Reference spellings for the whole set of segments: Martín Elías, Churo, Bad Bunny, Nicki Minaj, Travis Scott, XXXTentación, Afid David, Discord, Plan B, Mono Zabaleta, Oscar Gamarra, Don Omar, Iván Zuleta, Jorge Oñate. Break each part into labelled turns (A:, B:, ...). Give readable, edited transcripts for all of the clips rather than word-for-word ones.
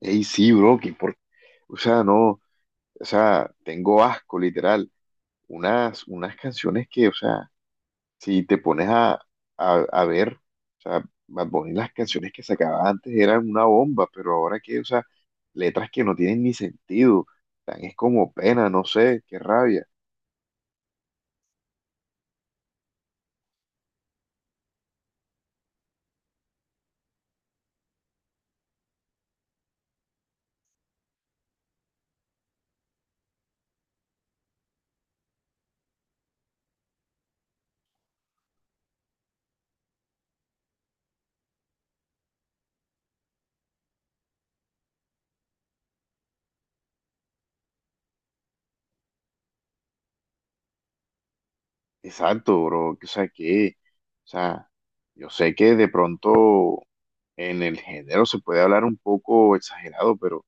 A: Ey, sí, bro, que por, o sea, no, o sea, tengo asco, literal. Unas canciones que, o sea, si te pones a ver, o sea, Bad Bunny, las canciones que sacaba antes eran una bomba, pero ahora que, o sea, letras que no tienen ni sentido, tan es como pena, no sé, qué rabia. Exacto, bro, o sea, yo sé que de pronto en el género se puede hablar un poco exagerado, pero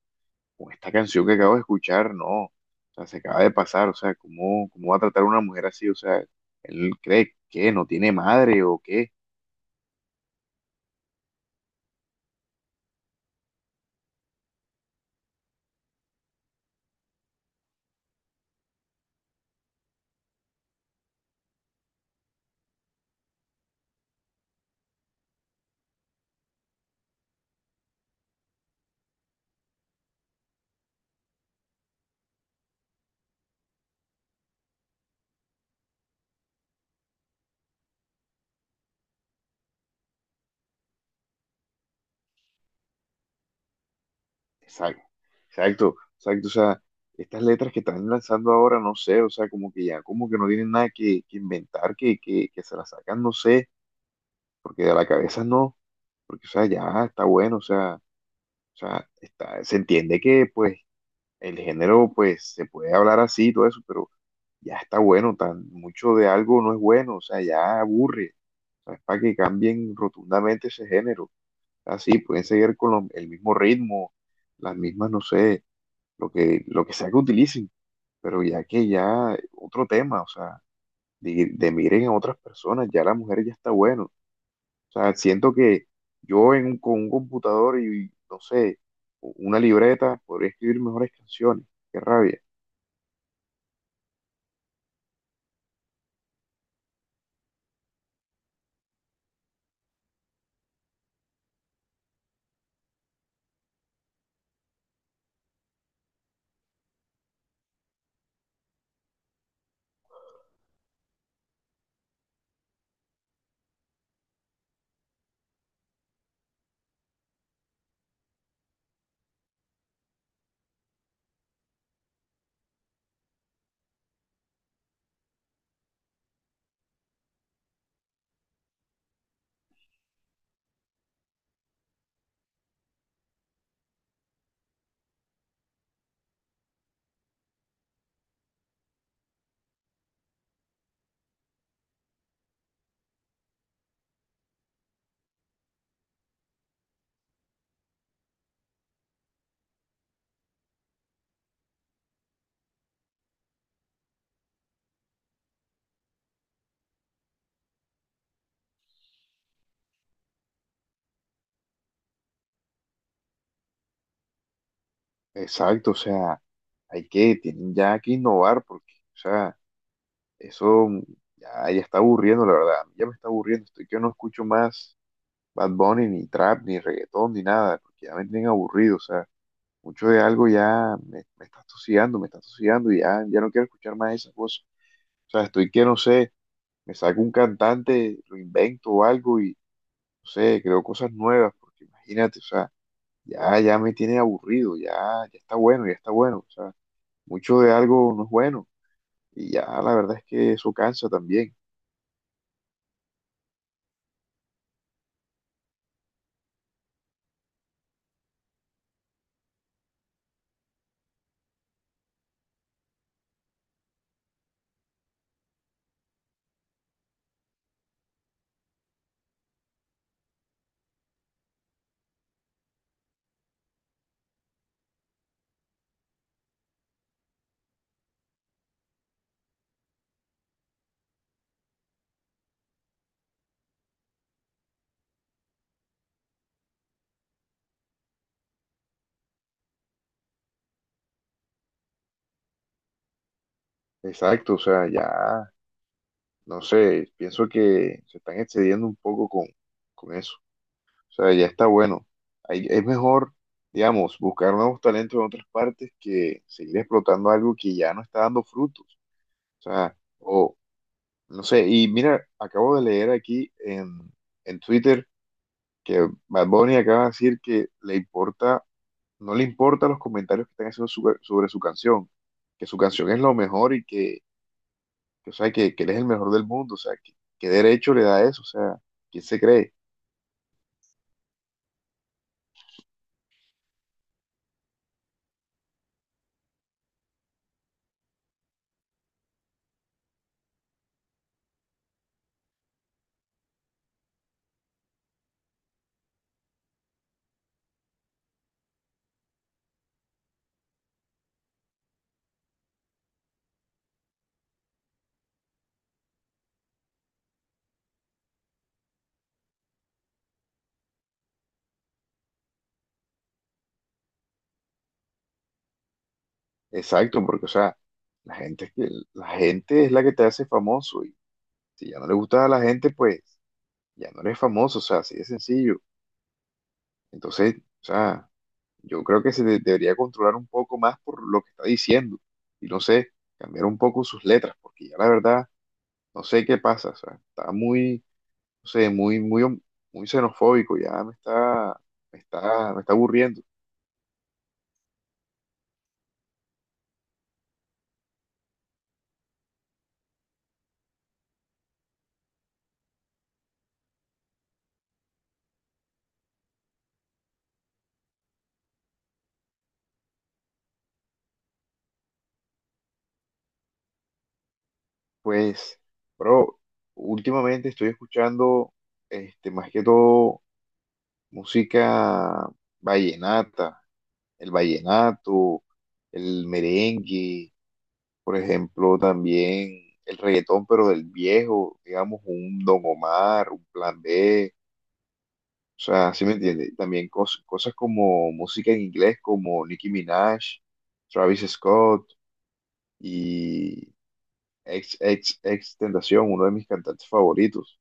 A: con esta canción que acabo de escuchar, no, o sea, se acaba de pasar, o sea, ¿cómo, cómo va a tratar a una mujer así? O sea, él cree que no tiene madre o qué. Exacto, exacto, exacto, o sea, estas letras que están lanzando ahora, no sé, o sea, como que ya, como que no tienen nada que inventar, que se las sacan, no sé, porque de la cabeza no, porque, o sea, ya está bueno, o sea, está, se entiende que, pues, el género, pues, se puede hablar así y todo eso, pero ya está bueno, tan mucho de algo no es bueno, o sea, ya aburre. O sea, es para que cambien rotundamente ese género. Así, pueden seguir con el mismo ritmo, las mismas, no sé, lo que sea que utilicen, pero ya que ya otro tema, o sea, de miren a otras personas, ya la mujer ya está bueno. O sea, siento que yo con un computador y, no sé, una libreta podría escribir mejores canciones. Qué rabia. Exacto, o sea, hay que, tienen ya que innovar porque, o sea, eso ya está aburriendo, la verdad, ya me está aburriendo, estoy que no escucho más Bad Bunny, ni trap, ni reggaetón, ni nada, porque ya me tienen aburrido, o sea, mucho de algo me está asociando y ya, ya no quiero escuchar más esas cosas, o sea, estoy que, no sé, me saco un cantante, lo invento o algo y, no sé, creo cosas nuevas, porque imagínate, o sea, ya me tiene aburrido, ya, ya está bueno, o sea, mucho de algo no es bueno. Y ya la verdad es que eso cansa también. Exacto, o sea, ya, no sé, pienso que se están excediendo un poco con eso. O sea, ya está bueno. Ahí es mejor, digamos, buscar nuevos talentos en otras partes que seguir explotando algo que ya no está dando frutos. O sea, o no sé, y mira, acabo de leer aquí en Twitter que Bad Bunny acaba de decir que le importa no le importan los comentarios que están haciendo sobre su canción, que su canción es lo mejor y que, o sea, que él es el mejor del mundo, o sea, que, ¿qué derecho le da eso? O sea, ¿quién se cree? Exacto, porque, o sea, la gente, es que- la gente es la que te hace famoso y si ya no le gusta a la gente, pues ya no eres famoso, o sea, así de sencillo. Entonces, o sea, yo creo que debería controlar un poco más por lo que está diciendo y no sé, cambiar un poco sus letras, porque ya la verdad, no sé qué pasa, o sea, está muy no sé, muy xenofóbico, ya me está, me está aburriendo. Pues, bro, últimamente estoy escuchando, este, más que todo, música vallenata, el vallenato, el merengue, por ejemplo, también el reggaetón, pero del viejo, digamos, un Don Omar, un Plan B. O sea, ¿sí me entiende? También cosas como música en inglés, como Nicki Minaj, Travis Scott, y ex Tentación, uno de mis cantantes favoritos.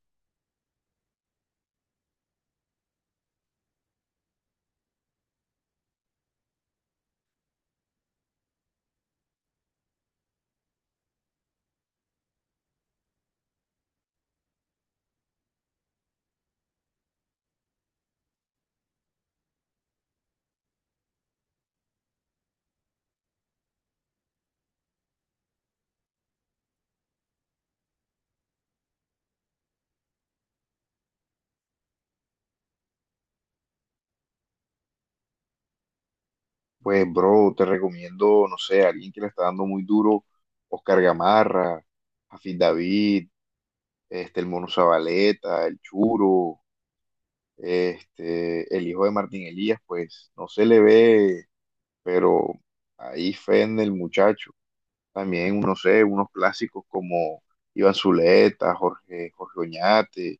A: Pues, bro, te recomiendo, no sé, alguien que le está dando muy duro, Oscar Gamarra, Afid David, este, el Mono Zabaleta, el Churo, este, el hijo de Martín Elías, pues no se le ve, pero ahí fe en el muchacho. También, no sé, unos clásicos como Iván Zuleta, Jorge Oñate,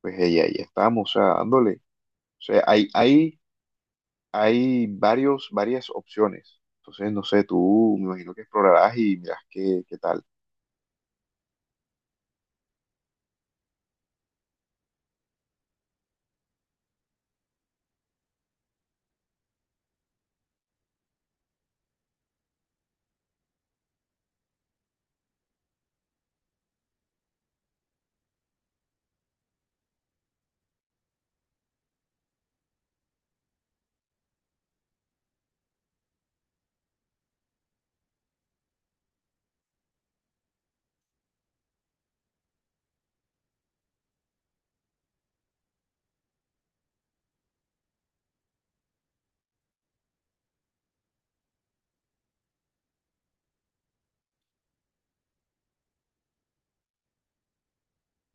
A: pues ahí, ahí estamos, o sea, dándole. O sea, hay hay varios, varias opciones. Entonces, no sé, tú me imagino que explorarás y mirás qué, qué tal.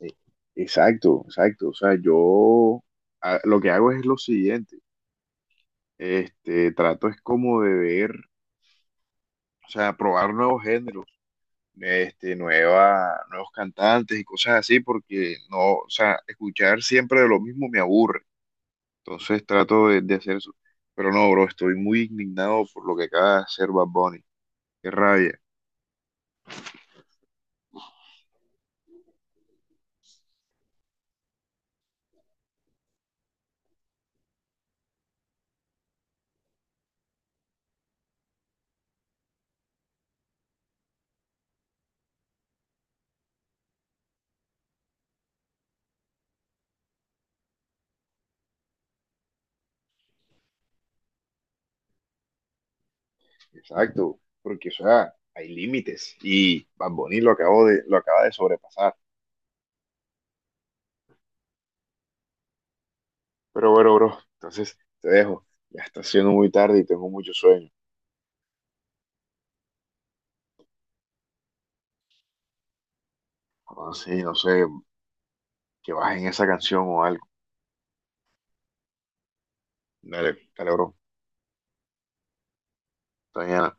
A: Eh, exacto, exacto. O sea, yo lo que hago es lo siguiente. Este, trato es como de ver, o sea, probar nuevos géneros, este, nuevos cantantes y cosas así, porque no, o sea, escuchar siempre de lo mismo me aburre. Entonces trato de hacer eso. Pero no, bro, estoy muy indignado por lo que acaba de hacer Bad Bunny. Qué rabia. Exacto, porque o sea, hay límites y Bad Bunny lo acabo de, lo acaba de sobrepasar. Pero bueno, bro, entonces te dejo. Ya está siendo muy tarde y tengo mucho sueño. Así, no sé, que bajen esa canción o algo. Dale, dale, bro. Hasta mañana.